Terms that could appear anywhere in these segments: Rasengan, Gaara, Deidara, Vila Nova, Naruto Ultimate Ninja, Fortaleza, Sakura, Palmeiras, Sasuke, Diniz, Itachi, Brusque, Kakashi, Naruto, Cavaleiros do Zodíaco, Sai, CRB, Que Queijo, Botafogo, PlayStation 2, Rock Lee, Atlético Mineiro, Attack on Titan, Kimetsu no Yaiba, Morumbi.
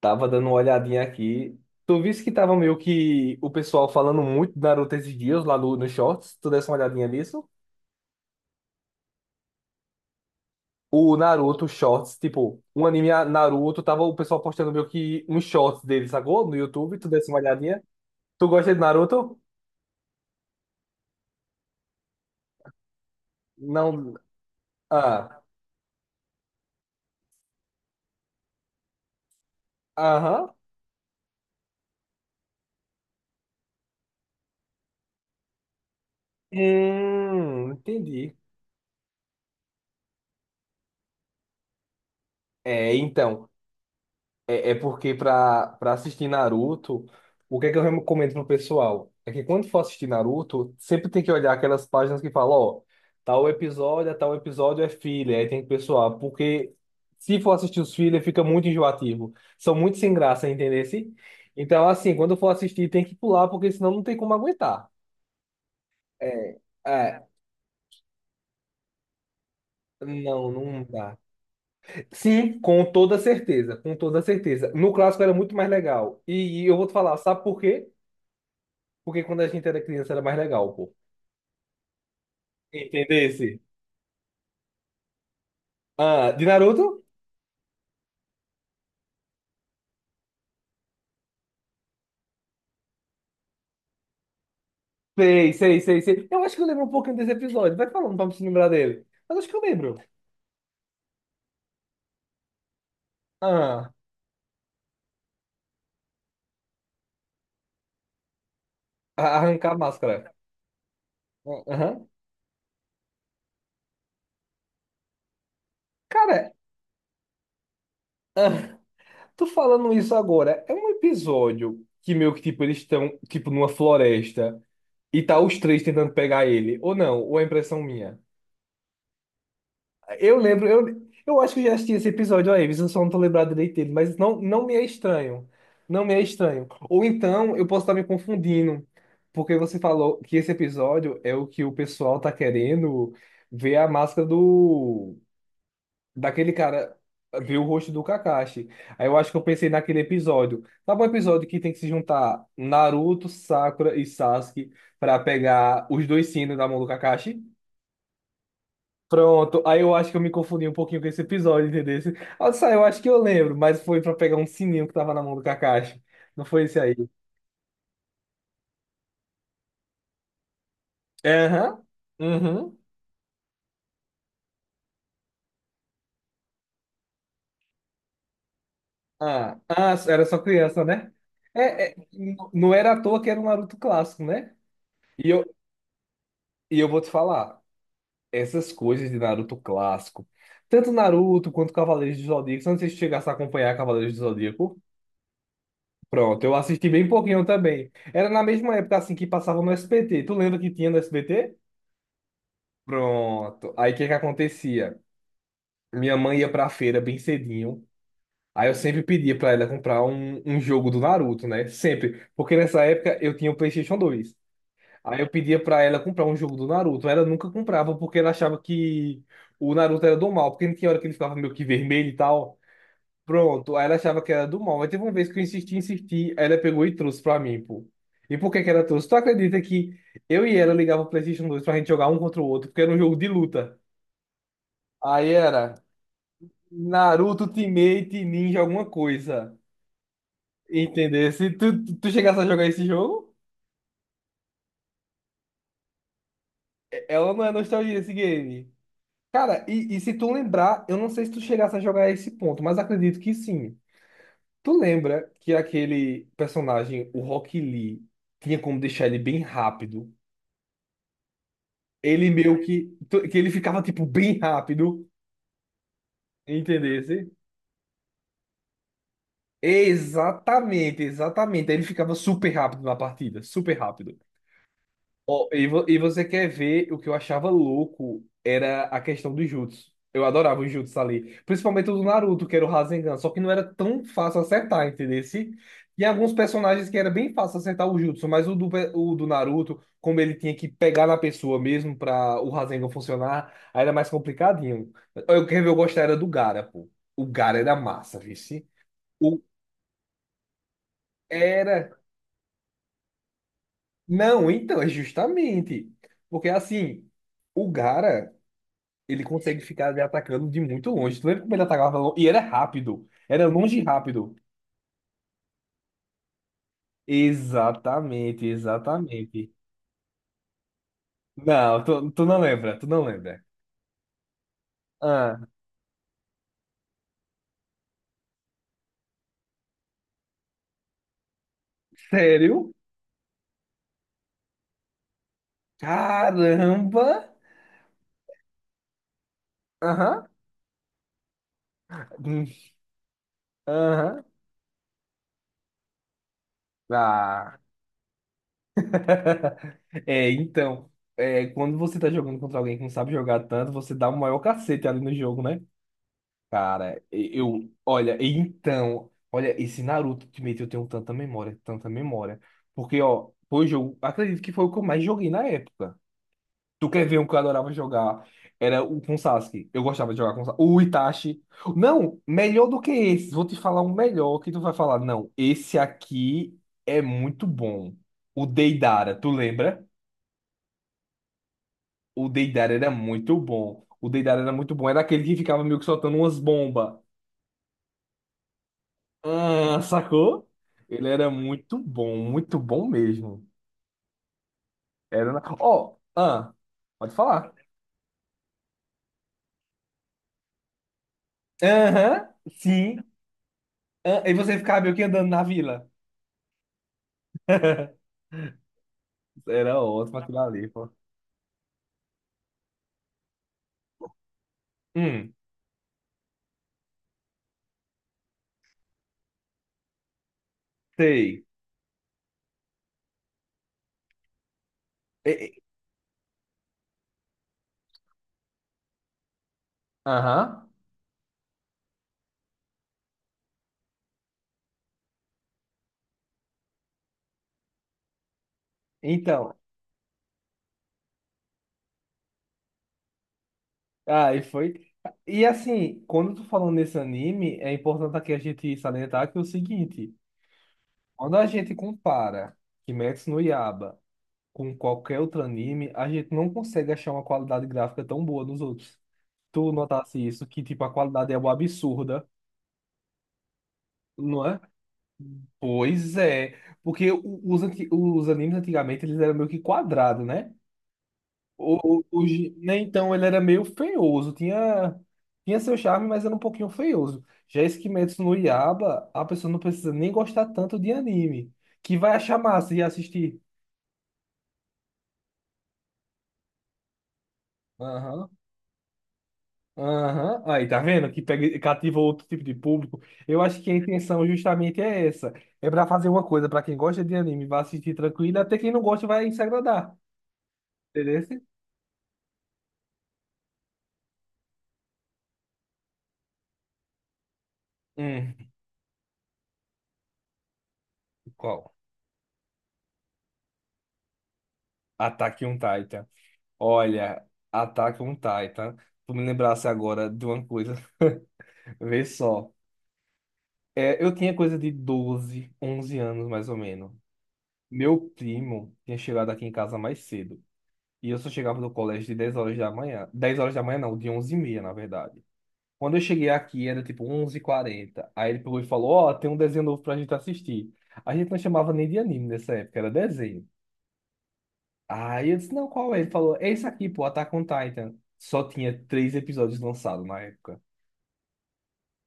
Tava dando uma olhadinha aqui. Tu viste que tava meio que o pessoal falando muito de Naruto esses dias lá no, nos shorts? Tu desse uma olhadinha nisso? O Naruto Shorts, tipo, um anime Naruto, tava o pessoal postando meio que uns shorts dele, sacou? No YouTube, tu desse uma olhadinha. Tu gosta de Naruto? Não. Ah. Aham. Entendi. É, então. É, é porque pra para assistir Naruto, o que é que eu recomendo pro pessoal? É que quando for assistir Naruto, sempre tem que olhar aquelas páginas que falam, ó, tal episódio, a tal episódio é filler, aí tem que pessoal, porque se for assistir os filler, fica muito enjoativo. São muito sem graça, entendeu? Assim? Então, assim, quando for assistir, tem que pular, porque senão não tem como aguentar. É, é, não, não dá. Sim, com toda certeza, com toda certeza. No clássico era muito mais legal. E eu vou te falar, sabe por quê? Porque quando a gente era criança era mais legal, pô. Entendesse? Ah, de Naruto? Sei, sei, sei, sei. Eu acho que eu lembro um pouquinho desse episódio. Vai falando pra me se lembrar dele. Mas acho que eu lembro. Ah, arrancar a máscara. Ah, aham. Cara, ah, tô falando isso agora. É um episódio que meio que, tipo, eles estão, tipo, numa floresta e tá os três tentando pegar ele. Ou não, ou é impressão minha? Eu lembro, eu acho que eu já assisti esse episódio aí, mas eu só não tô lembrado direito dele, mas não, não me é estranho. Não me é estranho. Ou então eu posso estar me confundindo, porque você falou que esse episódio é o que o pessoal tá querendo ver a máscara do daquele cara, ver o rosto do Kakashi. Aí eu acho que eu pensei naquele episódio. Sabe um episódio que tem que se juntar Naruto, Sakura e Sasuke para pegar os dois sinos da mão do Kakashi? Pronto, aí eu acho que eu me confundi um pouquinho com esse episódio, entendeu? Ah, Sai, eu acho que eu lembro, mas foi pra pegar um sininho que tava na mão do Kakashi. Não foi esse aí? É, aham. Uhum. Ah, ah, era só criança, né? É, é, não era à toa que era um Naruto clássico, né? E eu, e eu vou te falar, essas coisas de Naruto clássico, tanto Naruto quanto Cavaleiros do Zodíaco, se você chegasse a acompanhar Cavaleiros do Zodíaco, pronto, eu assisti bem pouquinho também. Era na mesma época assim que passava no SBT. Tu lembra que tinha no SBT? Pronto. Aí o que que acontecia? Minha mãe ia pra feira bem cedinho. Aí eu sempre pedia pra ela comprar um jogo do Naruto, né? Sempre. Porque nessa época eu tinha o PlayStation 2. Aí eu pedia pra ela comprar um jogo do Naruto. Ela nunca comprava porque ela achava que o Naruto era do mal. Porque não tinha hora que ele ficava meio que vermelho e tal. Pronto. Aí ela achava que era do mal. Mas teve uma vez que eu insisti, insisti. Aí ela pegou e trouxe pra mim, pô. E por que que ela trouxe? Tu acredita que eu e ela ligava o PlayStation 2 pra gente jogar um contra o outro? Porque era um jogo de luta. Aí era. Naruto Ultimate Ninja alguma coisa. Entendeu? Se tu chegasse a jogar esse jogo, ela não é nostalgia esse game. Cara, e se tu lembrar, eu não sei se tu chegasse a jogar esse ponto, mas acredito que sim. Tu lembra que aquele personagem, o Rock Lee, tinha como deixar ele bem rápido? Ele meio que. Que ele ficava, tipo, bem rápido. Entendesse? Exatamente, exatamente. Aí ele ficava super rápido na partida, super rápido. Ó, e você quer ver o que eu achava louco era a questão dos jutsu. Eu adorava os jutsu ali. Principalmente o do Naruto, que era o Rasengan. Só que não era tão fácil acertar, entendeu? Tinha alguns personagens que era bem fácil acertar o jutsu, mas o o do Naruto, como ele tinha que pegar na pessoa mesmo pra o Rasengan funcionar, aí era mais complicadinho. Eu quero ver, eu gostava era do Gaara, pô. O Gaara era massa, vice. O era. Não, então, é justamente. Porque assim, o Gaara. Ele consegue ficar me atacando de muito longe. Tu lembra como ele atacava longe? E era rápido. Era longe e rápido. Exatamente, exatamente. Não, tu não lembra, tu não lembra. Ah, sério? Caramba! Aham. Hum, aham. Ah. É, então, é, quando você tá jogando contra alguém que não sabe jogar tanto, você dá o maior cacete ali no jogo, né? Cara, eu, olha, então, olha, esse Naruto Ultimate eu tenho tanta memória, tanta memória. Porque, ó, foi o jogo, acredito que foi o que eu mais joguei na época. Tu quer ver um que eu adorava jogar? Era o com Sasuke. Eu gostava de jogar com Sasuke. O Itachi. Não, melhor do que esse. Vou te falar um melhor que tu vai falar. Não, esse aqui é muito bom. O Deidara, tu lembra? O Deidara era muito bom. O Deidara era muito bom. Era aquele que ficava meio que soltando umas bombas. Ah, sacou? Ele era muito bom mesmo. Era na... Ó, ah, pode falar. Aham, sim. Ah, e você ficava meio que andando na vila. Era ótimo aquilo ali, pô. Hum, sei. E- e- Aham. Então, aí foi. E assim, quando tu falando nesse anime, é importante aqui a gente salientar que é o seguinte, quando a gente compara Kimetsu no Yaiba com qualquer outro anime, a gente não consegue achar uma qualidade gráfica tão boa nos outros. Tu notasse isso, que tipo, a qualidade é uma absurda, não é? Pois é, porque os animes antigamente eles eram meio que quadrados, né? Hoje, né? Então ele era meio feioso, tinha seu charme, mas era um pouquinho feioso. Já esse Kimetsu no Yaiba, a pessoa não precisa nem gostar tanto de anime, que vai achar massa e assistir. Aham, aí, tá vendo? Que pega, cativa outro tipo de público. Eu acho que a intenção justamente é essa. É pra fazer uma coisa pra quem gosta de anime, vai assistir tranquilo, até quem não gosta vai se agradar. Entendeu? Hum, qual? Ataque um Titan. Olha, Ataque um Titan. Tu me lembrasse agora de uma coisa. Vê só. É, eu tinha coisa de 12, 11 anos mais ou menos. Meu primo tinha chegado aqui em casa mais cedo. E eu só chegava no colégio de 10 horas da manhã. Dez horas da manhã não, De 11h30, na verdade. Quando eu cheguei aqui, era tipo 11h40. Aí ele pegou e falou, ó, tem um desenho novo pra gente assistir. A gente não chamava nem de anime nessa época, era desenho. Aí eu disse, não, qual é? Ele falou, é esse aqui, pô, Attack on Titan. Só tinha 3 episódios lançados na época.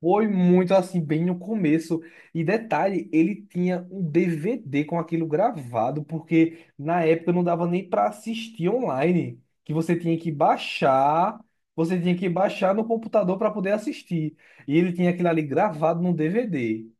Foi muito assim, bem no começo. E detalhe, ele tinha um DVD com aquilo gravado, porque na época não dava nem para assistir online, que você tinha que baixar no computador para poder assistir. E ele tinha aquilo ali gravado no DVD.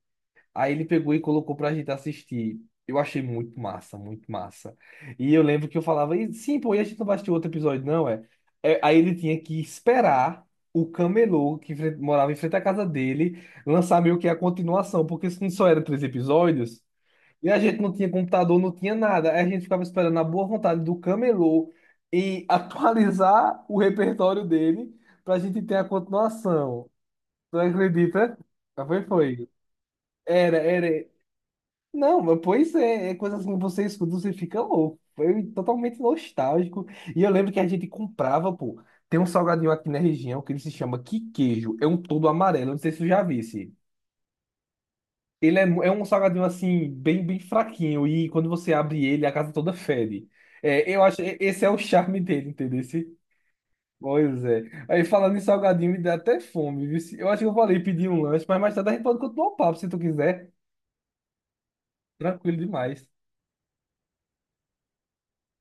Aí ele pegou e colocou pra gente assistir. Eu achei muito massa, muito massa. E eu lembro que eu falava, "E, sim, pô, e a gente não vai assistir outro episódio, não, é? É, aí ele tinha que esperar o camelô que morava em frente à casa dele lançar meio que a continuação, porque se não só eram 3 episódios, e a gente não tinha computador, não tinha nada. Aí a gente ficava esperando a boa vontade do camelô e atualizar o repertório dele pra gente ter a continuação. Tu acredita? Foi, foi. Era, era. Não, mas pois é, é coisa assim, você escuta, você fica louco. Foi totalmente nostálgico. E eu lembro que a gente comprava, pô. Tem um salgadinho aqui na região que ele se chama Que Queijo. É um todo amarelo, não sei se tu já visse. Ele é, é um salgadinho assim, bem fraquinho. E quando você abre ele, a casa toda fede. É, eu acho, esse é o charme dele, entendeu? Esse- Pois é. Aí falando em salgadinho, me dá até fome, viu? Se- Eu acho que eu falei pedir um lanche, mas mais tarde a gente pode continuar o papo se tu quiser. Tranquilo demais.